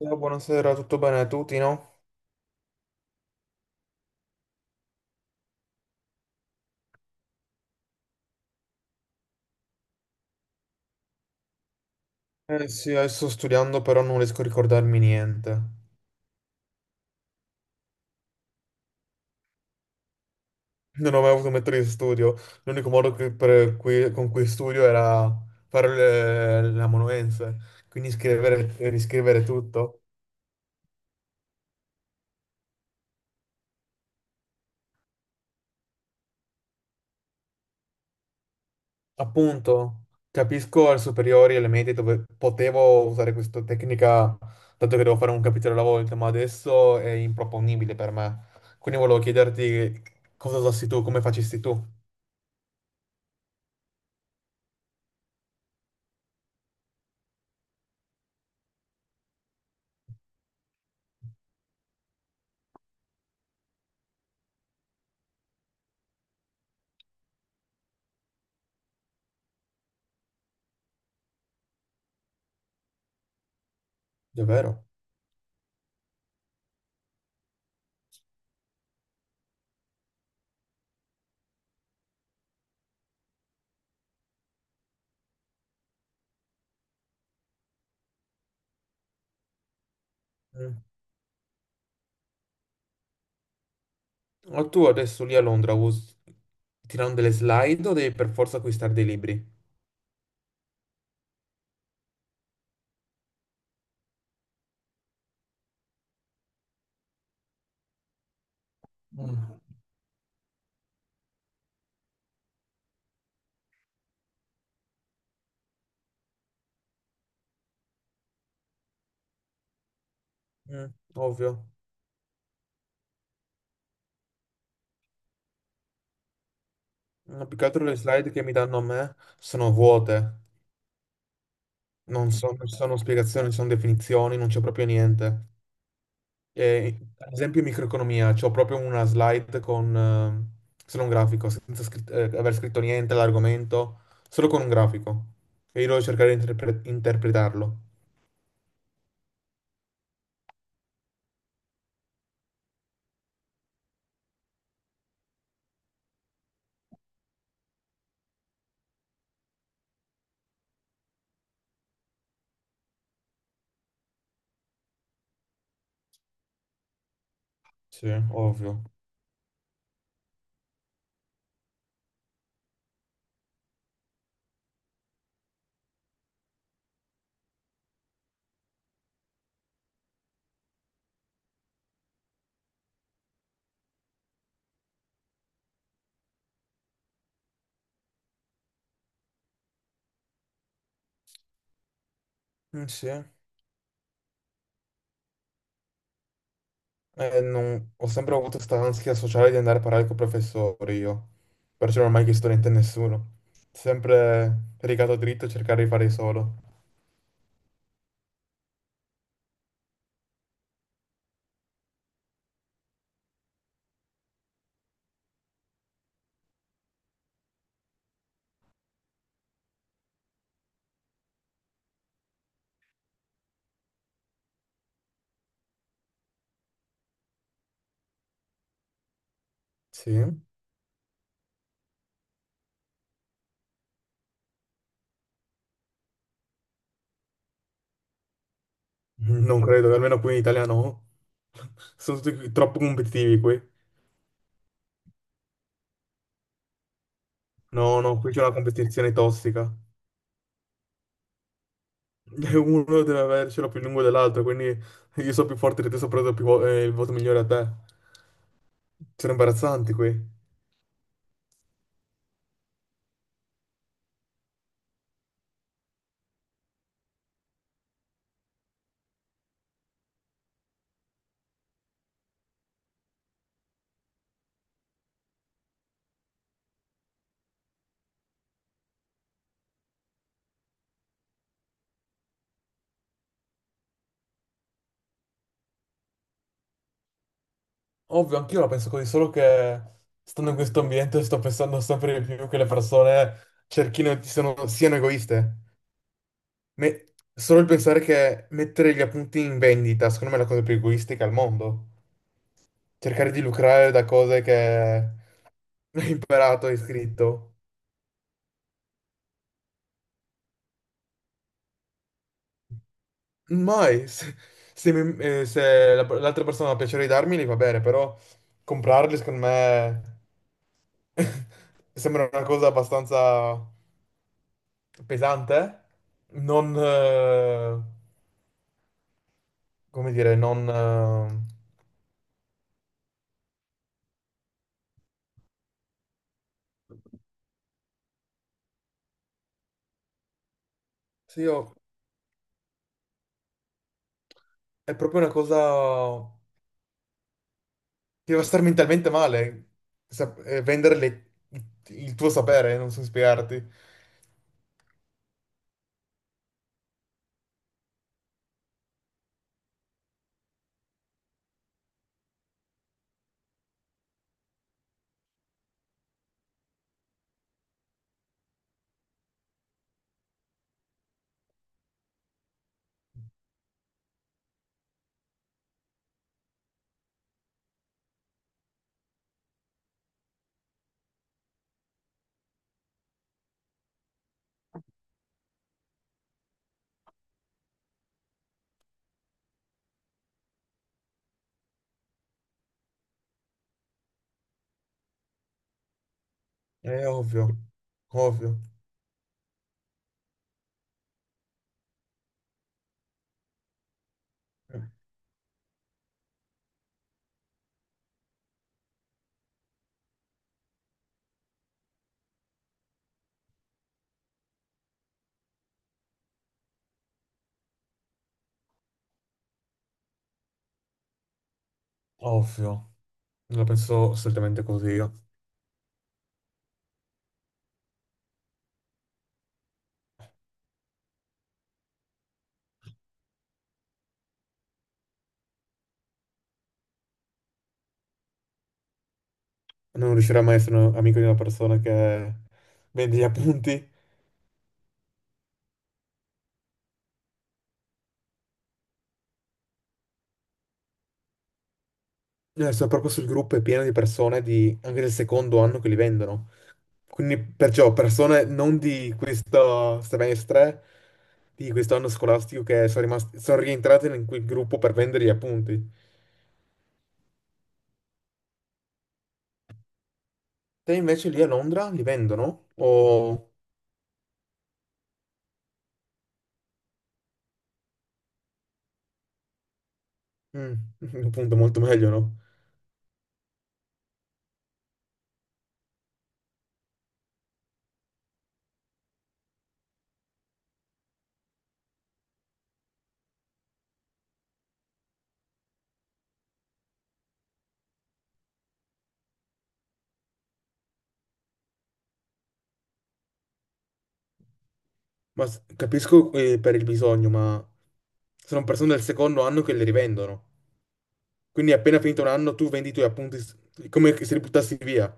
Ciao, buonasera, tutto bene? Tutti, no? Eh sì, adesso sto studiando, però non riesco a ricordarmi niente. Non ho mai avuto un metodo di studio. L'unico modo con cui studio era fare la monuenza, quindi scrivere e riscrivere tutto. Appunto, capisco alle superiori e alle medie dove potevo usare questa tecnica, dato che devo fare un capitolo alla volta, ma adesso è improponibile per me. Quindi volevo chiederti cosa usassi tu, come facessi tu. Davvero? Ma tu adesso lì a Londra tirano delle slide o devi per forza acquistare dei libri? Mm. Mm, ovvio. No, più che altro le slide che mi danno a me sono vuote, non ci sono spiegazioni, non ci sono definizioni, non c'è proprio niente. E, ad esempio, in microeconomia, c'ho proprio una slide con solo un grafico, senza aver scritto niente all'argomento, solo con un grafico. E io devo cercare di interpretarlo. Sì, ovvio. Mm, sì. Ho sempre avuto questa ansia sociale di andare a parlare con i professori io, perciò non ho mai chiesto niente a nessuno. Sempre rigato dritto e cercare di fare solo. Sì? Non credo, almeno qui in Italia no. Sono tutti troppo competitivi qui. No, no, qui c'è una competizione tossica. E uno deve avercelo più lungo dell'altro, quindi io sono più forte di te, so preso più il voto migliore a te. Sono imbarazzanti qui. Ovvio, anch'io la penso così, solo che stando in questo ambiente sto pensando sempre di più che le persone cerchino, siano egoiste. Me- Solo il pensare che mettere gli appunti in vendita, secondo me, è la cosa più egoistica al mondo. Cercare di lucrare da cose che hai imparato, hai scritto. Mai, se, se mi- se la- l'altra persona ha piacere di darmeli va bene, però comprarli, secondo me, sembra una cosa abbastanza pesante, non, come dire, non, sì, è proprio una cosa che va a star mentalmente male, vendere il tuo sapere, non so spiegarti. È ovvio, ovvio, ovvio. Non la penso assolutamente così io. Non riuscirò mai a essere un amico di una persona che vende gli appunti. Sono proprio sul gruppo, è pieno di persone anche del secondo anno che li vendono. Quindi perciò persone non di questo semestre, di questo anno scolastico che sono rimasti, sono rientrate in quel gruppo per vendere gli appunti. Te invece lì a Londra li vendono? O. Mm, appunto molto meglio, no? Ma capisco, per il bisogno, ma sono persone del secondo anno che li rivendono. Quindi appena finito un anno tu vendi i tuoi appunti come se li buttassi via.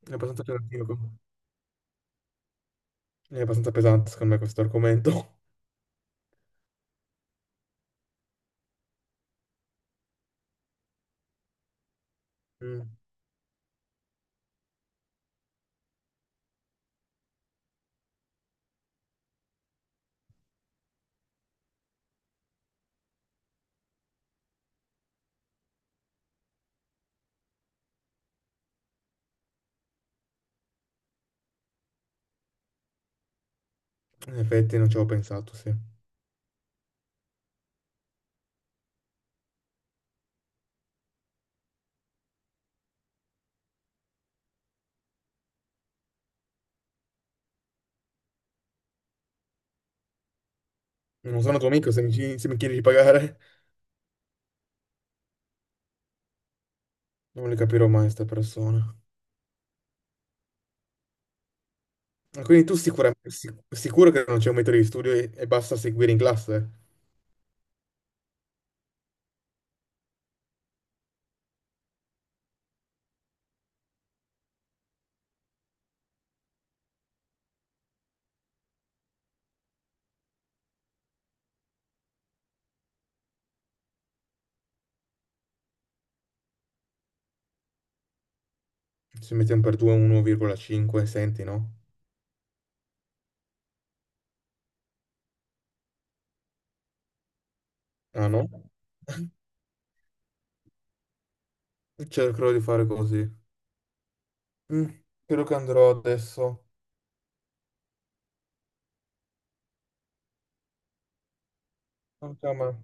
È abbastanza pesante, è abbastanza pesante secondo me questo argomento. Mm, in effetti non ci avevo pensato, sì. Non sono tuo amico se se mi chiedi di pagare. Non le capirò mai queste persone. Ma quindi tu sicuramente, sicuro che non c'è un metodo di studio e basta seguire in classe? Se mettiamo per 2 1,5, senti, no? Ah no? Cercherò di fare così. Mm, Credo che andrò adesso. Anche a me.